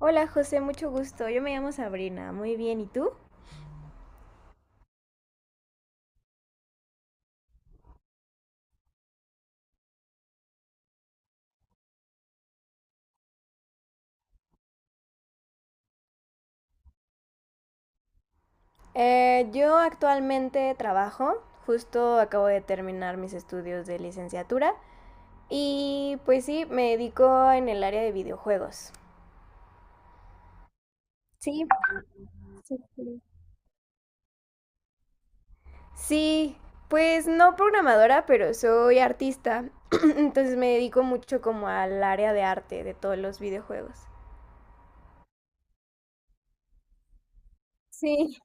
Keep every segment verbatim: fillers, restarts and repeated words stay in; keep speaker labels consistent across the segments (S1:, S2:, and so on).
S1: Hola José, mucho gusto. Yo me llamo Sabrina. Muy bien, ¿y tú? Eh, yo actualmente trabajo, justo acabo de terminar mis estudios de licenciatura y pues sí, me dedico en el área de videojuegos. Sí, sí, sí. Sí, pues no programadora, pero soy artista, entonces me dedico mucho como al área de arte de todos los videojuegos. Sí.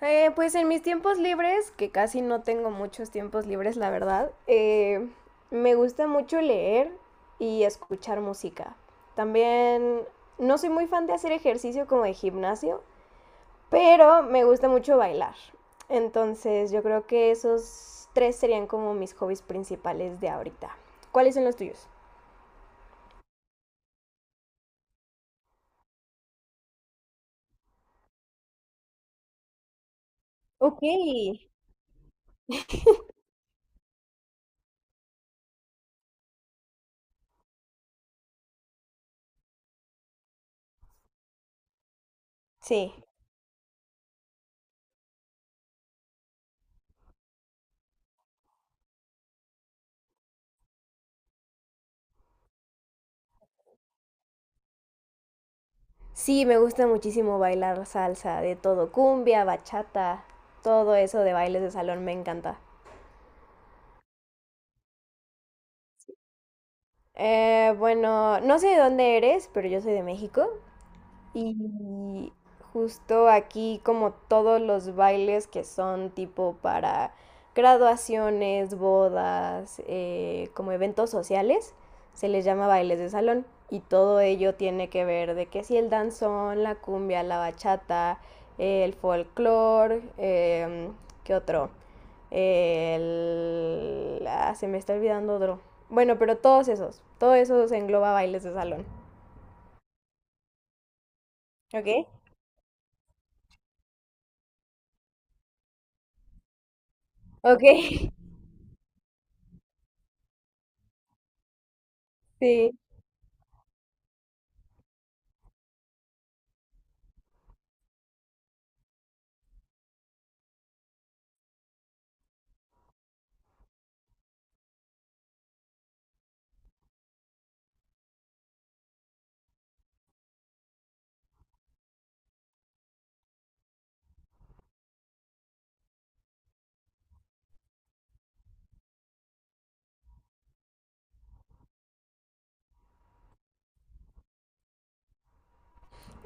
S1: Eh, pues en mis tiempos libres, que casi no tengo muchos tiempos libres, la verdad, eh, me gusta mucho leer y escuchar música. También no soy muy fan de hacer ejercicio como de gimnasio, pero me gusta mucho bailar. Entonces yo creo que esos tres serían como mis hobbies principales de ahorita. ¿Cuáles son los tuyos? Ok. Sí. Sí, me gusta muchísimo bailar salsa, de todo, cumbia, bachata, todo eso de bailes de salón me encanta. Eh, bueno, no sé de dónde eres, pero yo soy de México. Y justo aquí como todos los bailes que son tipo para graduaciones, bodas, eh, como eventos sociales, se les llama bailes de salón. Y todo ello tiene que ver de que si el danzón, la cumbia, la bachata, eh, el folclore, eh, ¿qué otro? El... ah, se me está olvidando otro. Bueno, pero todos esos, todos esos engloba bailes de salón. ¿Ok? Ok. Sí.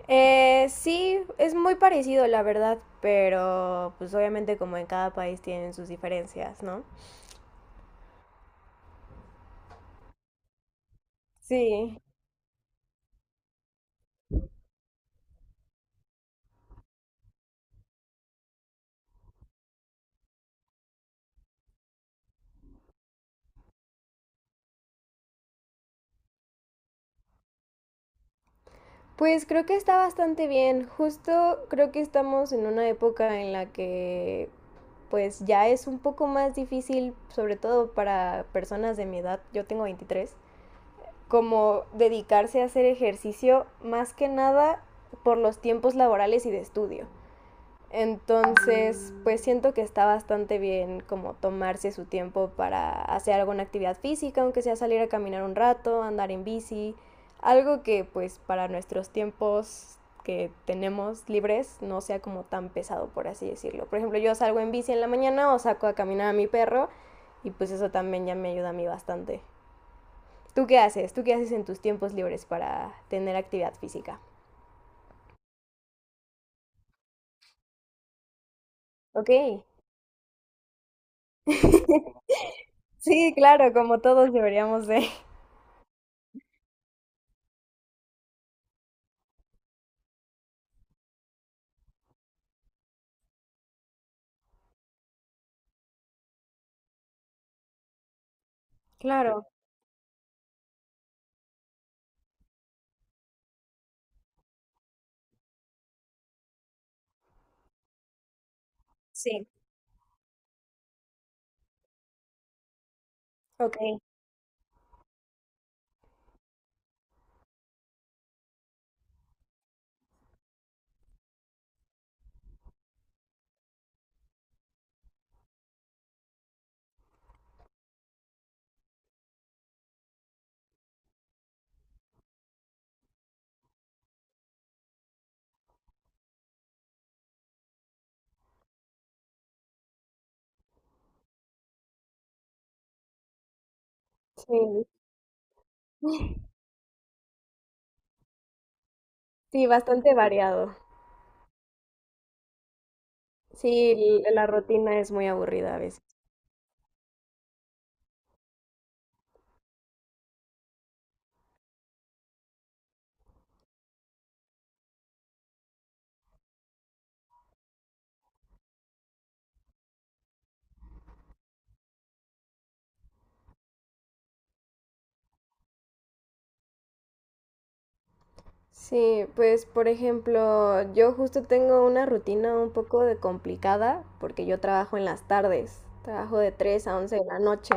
S1: Eh, sí, es muy parecido, la verdad, pero pues obviamente como en cada país tienen sus diferencias, ¿no? Sí. Pues creo que está bastante bien. Justo creo que estamos en una época en la que pues ya es un poco más difícil, sobre todo para personas de mi edad, yo tengo veintitrés, como dedicarse a hacer ejercicio más que nada por los tiempos laborales y de estudio. Entonces, pues siento que está bastante bien como tomarse su tiempo para hacer alguna actividad física, aunque sea salir a caminar un rato, andar en bici, algo que pues para nuestros tiempos que tenemos libres no sea como tan pesado, por así decirlo. Por ejemplo, yo salgo en bici en la mañana o saco a caminar a mi perro y pues eso también ya me ayuda a mí bastante. ¿Tú qué haces? ¿Tú qué haces en tus tiempos libres para tener actividad física? Ok. Sí, claro, como todos deberíamos de. Claro, sí. Ok, sí, sí, bastante variado. Sí, l- la rutina es muy aburrida a veces. Sí, pues por ejemplo, yo justo tengo una rutina un poco de complicada porque yo trabajo en las tardes, trabajo de tres a once de la noche.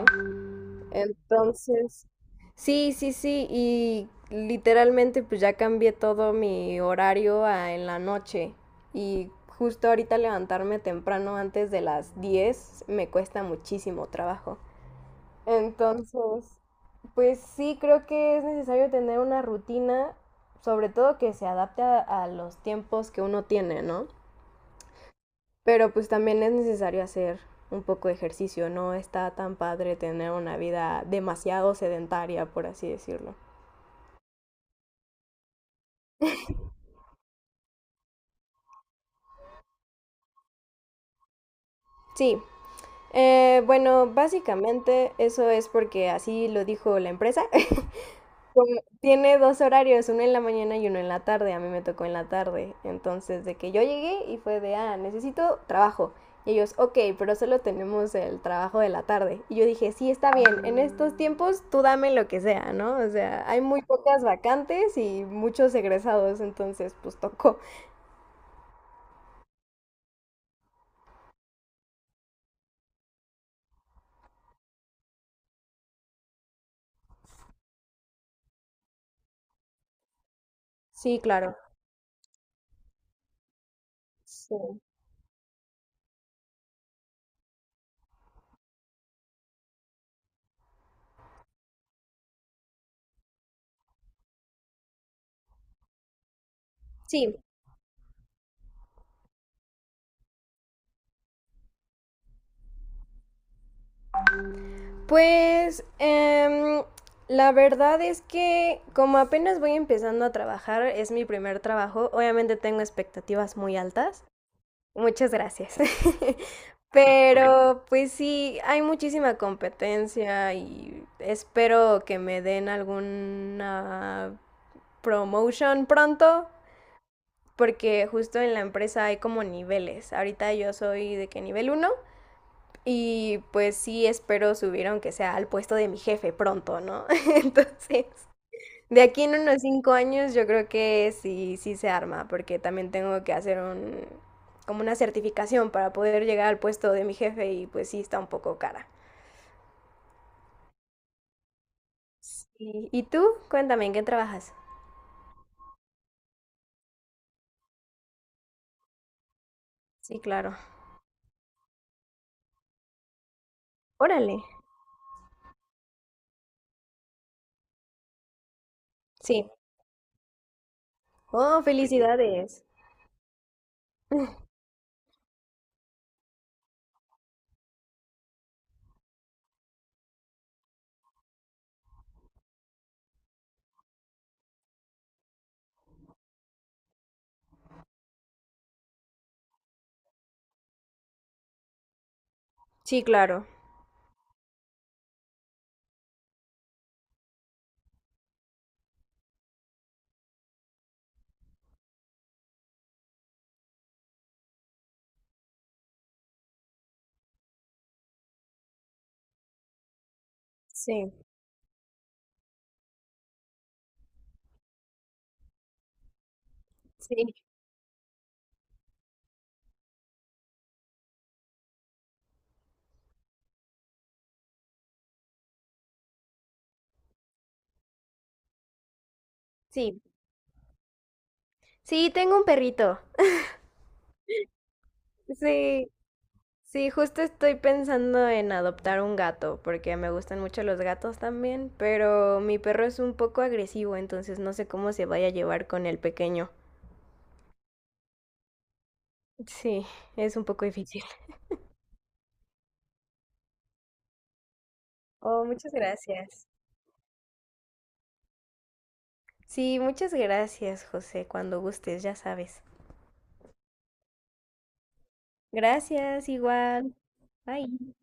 S1: Entonces, sí, sí, sí, y literalmente pues ya cambié todo mi horario a en la noche y justo ahorita levantarme temprano antes de las diez me cuesta muchísimo trabajo. Entonces, pues sí, creo que es necesario tener una rutina, sobre todo que se adapte a, a los tiempos que uno tiene, ¿no? Pero pues también es necesario hacer un poco de ejercicio, no está tan padre tener una vida demasiado sedentaria, por así decirlo. Sí, eh, bueno, básicamente eso es porque así lo dijo la empresa. Como- tiene dos horarios, uno en la mañana y uno en la tarde. A mí me tocó en la tarde. Entonces, de que yo llegué y fue de, ah, necesito trabajo. Y ellos, ok, pero solo tenemos el trabajo de la tarde. Y yo dije, sí, está bien, en estos tiempos tú dame lo que sea, ¿no? O sea, hay muy pocas vacantes y muchos egresados, entonces pues tocó. Sí, claro. Sí. Sí. Pues em, la verdad es que como apenas voy empezando a trabajar, es mi primer trabajo, obviamente tengo expectativas muy altas. Muchas gracias. Pero pues sí, hay muchísima competencia y espero que me den alguna promotion pronto, porque justo en la empresa hay como niveles. Ahorita yo soy de que nivel uno y pues sí, espero subir aunque sea al puesto de mi jefe pronto, ¿no? Entonces, de aquí en unos cinco años yo creo que sí, sí se arma, porque también tengo que hacer un, como una certificación para poder llegar al puesto de mi jefe y pues sí está un poco cara. ¿Y, y tú? Cuéntame, ¿en qué trabajas? Sí, claro. Órale. Sí. Oh, felicidades. Sí, claro. Sí, sí, sí. Sí, tengo un perrito. Sí. Sí, justo estoy pensando en adoptar un gato, porque me gustan mucho los gatos también, pero mi perro es un poco agresivo, entonces no sé cómo se vaya a llevar con el pequeño. Sí, es un poco difícil. Oh, muchas gracias. Sí, muchas gracias, José, cuando gustes, ya sabes. Gracias, igual. Bye.